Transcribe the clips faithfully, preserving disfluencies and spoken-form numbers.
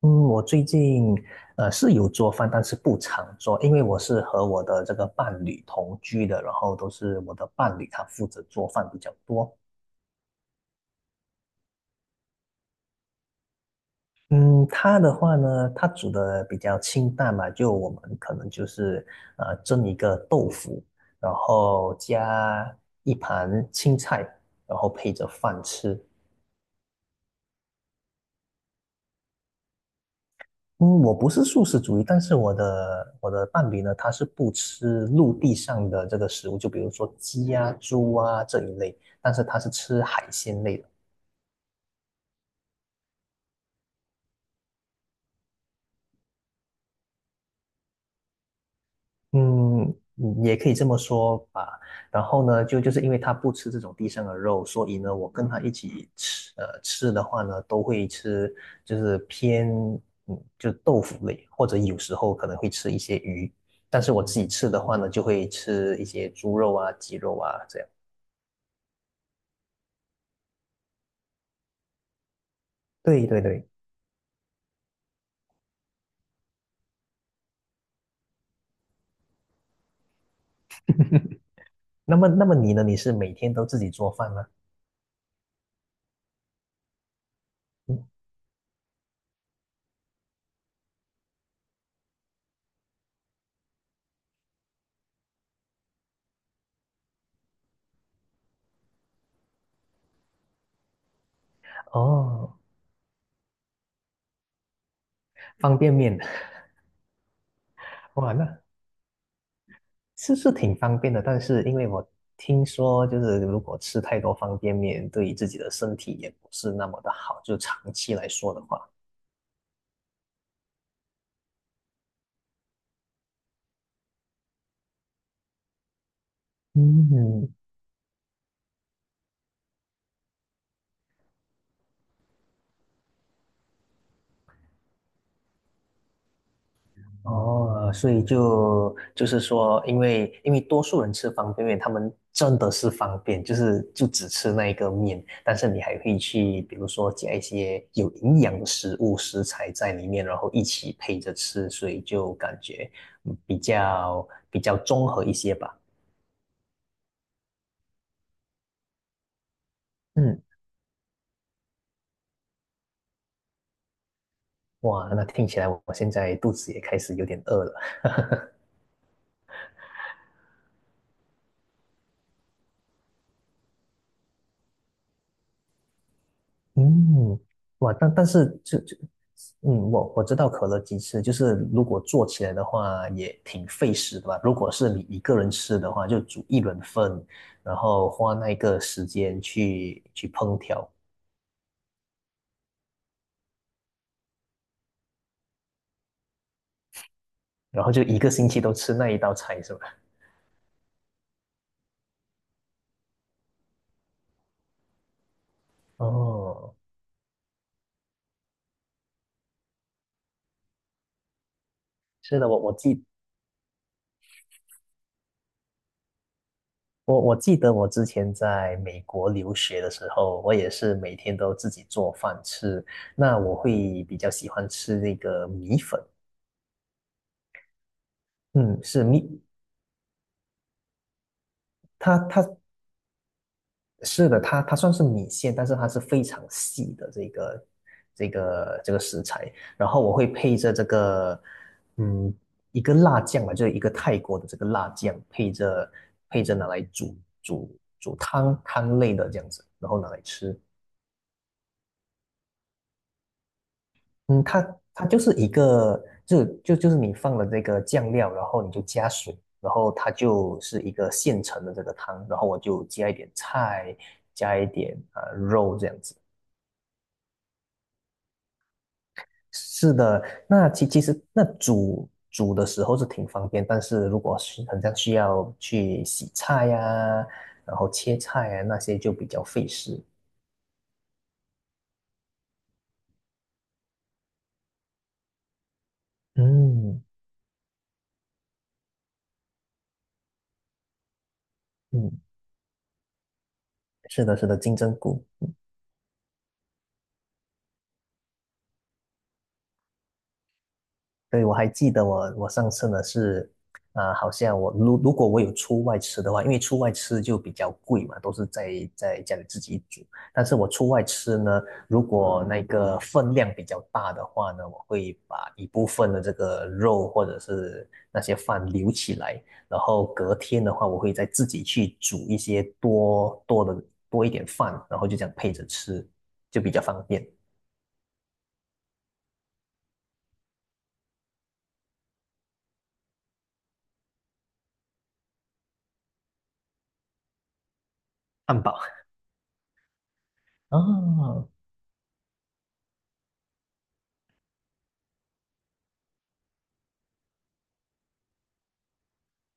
嗯，我最近呃是有做饭，但是不常做，因为我是和我的这个伴侣同居的，然后都是我的伴侣他负责做饭比较多。嗯，他的话呢，他煮的比较清淡嘛，就我们可能就是呃蒸一个豆腐，然后加一盘青菜，然后配着饭吃。嗯，我不是素食主义，但是我的我的伴侣呢，他是不吃陆地上的这个食物，就比如说鸡啊、猪啊这一类，但是他是吃海鲜类的。嗯，嗯也可以这么说吧。然后呢，就就是因为他不吃这种地上的肉，所以呢，我跟他一起吃，呃，吃的话呢，都会吃就是偏嗯，就豆腐类，或者有时候可能会吃一些鱼，但是我自己吃的话呢，就会吃一些猪肉啊、鸡肉啊这样。对对对。那么，那么你呢？你是每天都自己做饭吗？嗯。哦，方便面。哇，那是是挺方便的。但是因为我听说，就是如果吃太多方便面，对自己的身体也不是那么的好，就长期来说的话。嗯。哦，所以就就是说，因为因为多数人吃方便面，他们真的是方便，就是就只吃那一个面，但是你还可以去，比如说加一些有营养的食物食材在里面，然后一起配着吃，所以就感觉嗯比较比较综合一些吧。嗯。哇，那听起来我现在肚子也开始有点饿了。嗯。哇，但但是就就，嗯，我我知道可乐鸡翅，就是如果做起来的话也挺费时的吧。如果是你一个人吃的话，就煮一轮份，然后花那个时间去去烹调，然后就一个星期都吃那一道菜，是吧？哦，是的，我我记我我记得我之前在美国留学的时候，我也是每天都自己做饭吃。那我会比较喜欢吃那个米粉。嗯，是米它它是的，它它算是米线，但是它是非常细的这个这个这个食材。然后我会配着这个，嗯，一个辣酱吧，就是一个泰国的这个辣酱，配着配着拿来煮煮煮汤汤类的这样子，然后拿来吃。嗯，它它就是一个，就就就是你放了这个酱料，然后你就加水，然后它就是一个现成的这个汤，然后我就加一点菜，加一点啊、呃肉这样子。是的，那其其实那煮煮的时候是挺方便，但是如果是很像需要去洗菜呀、然后切菜呀那些就比较费事。嗯。嗯，是的，是的，金针菇。对，我还记得我我上次呢是，啊，好像我如如果我有出外吃的话，因为出外吃就比较贵嘛，都是在在家里自己煮。但是我出外吃呢，如果那个分量比较大的话呢，我会把一部分的这个肉或者是那些饭留起来，然后隔天的话，我会再自己去煮一些多多的多一点饭，然后就这样配着吃，就比较方便。汉堡。啊，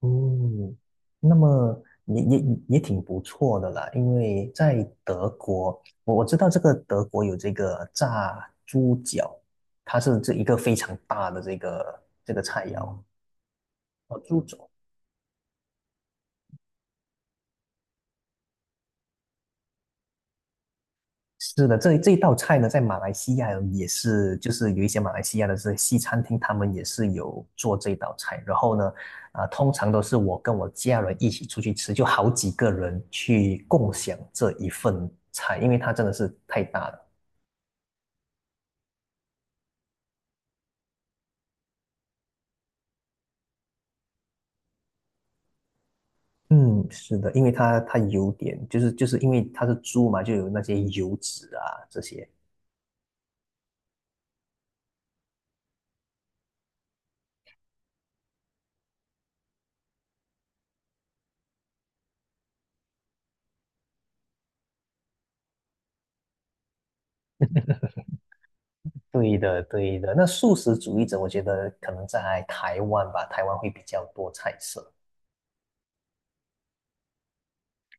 嗯，那么也也也挺不错的啦，因为在德国，我我知道这个德国有这个炸猪脚，它是这一个非常大的这个这个菜肴。哦，猪肘。是的，这这一道菜呢，在马来西亚也是，就是有一些马来西亚的这西餐厅，他们也是有做这道菜。然后呢，啊、通常都是我跟我家人一起出去吃，就好几个人去共享这一份菜，因为它真的是太大了。嗯，是的，因为它它有点，就是就是因为它是猪嘛，就有那些油脂啊这些。对的，对的。那素食主义者，我觉得可能在台湾吧，台湾会比较多菜色。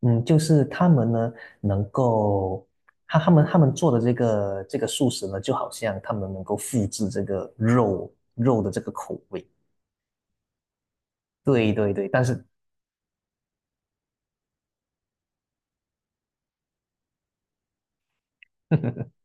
嗯，就是他们呢，能够他他们他们做的这个这个素食呢，就好像他们能够复制这个肉肉的这个口味。对对对，但是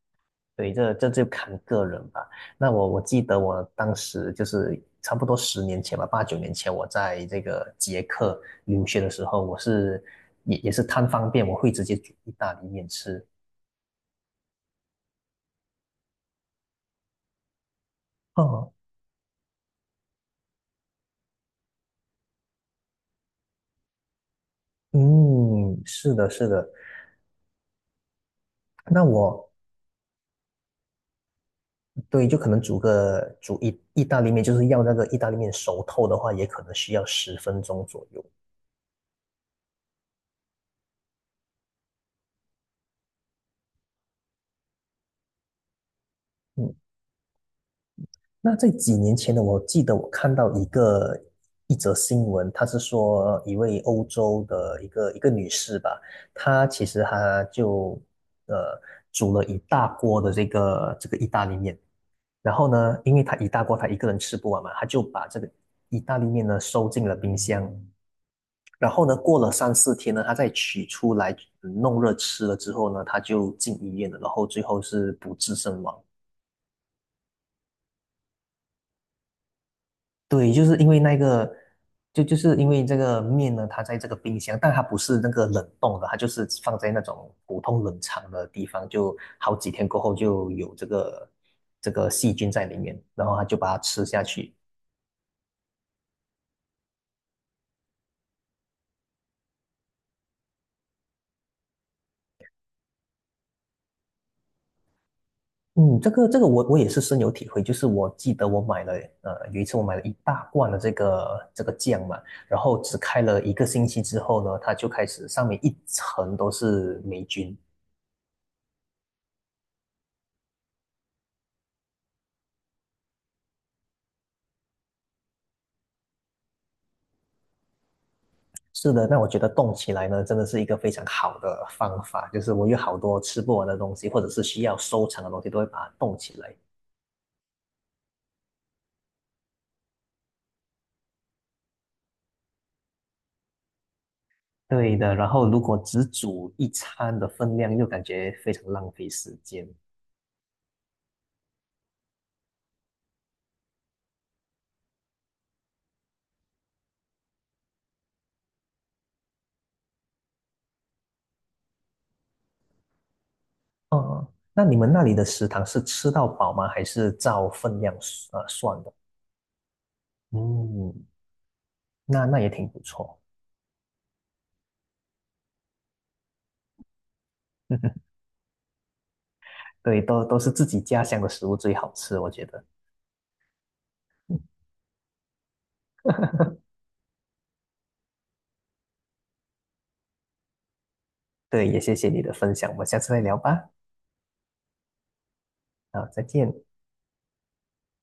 对，这这就看个人吧。那我我记得我当时就是差不多十年前吧，八九年前，我在这个捷克留学的时候，我是也也是贪方便，我会直接煮意大利面吃。哦，嗯，是的，是的。那我对，就可能煮个煮意意大利面，就是要那个意大利面熟透的话，也可能需要十分钟左右。嗯。那在几年前呢，我记得我看到一个一则新闻，他是说一位欧洲的一个一个女士吧，她其实她就呃煮了一大锅的这个这个意大利面，然后呢，因为她一大锅她一个人吃不完嘛，她就把这个意大利面呢收进了冰箱，然后呢过了三四天呢，她再取出来嗯弄热吃了之后呢，她就进医院了，然后最后是不治身亡。对，就是因为那个，就就是因为这个面呢，它在这个冰箱，但它不是那个冷冻的，它就是放在那种普通冷藏的地方，就好几天过后就有这个这个细菌在里面，然后它就把它吃下去。嗯，这个这个我我也是深有体会，就是我记得我买了，呃，有一次我买了一大罐的这个这个酱嘛，然后只开了一个星期之后呢，它就开始上面一层都是霉菌。是的，那我觉得动起来呢，真的是一个非常好的方法。就是我有好多吃不完的东西，或者是需要收藏的东西，都会把它冻起来。对的，然后如果只煮一餐的分量，又感觉非常浪费时间。嗯，那你们那里的食堂是吃到饱吗？还是照分量呃算的？嗯，那那也挺不错。对，都都是自己家乡的食物最好吃，我觉得。对，也谢谢你的分享，我们下次再聊吧。好，再见。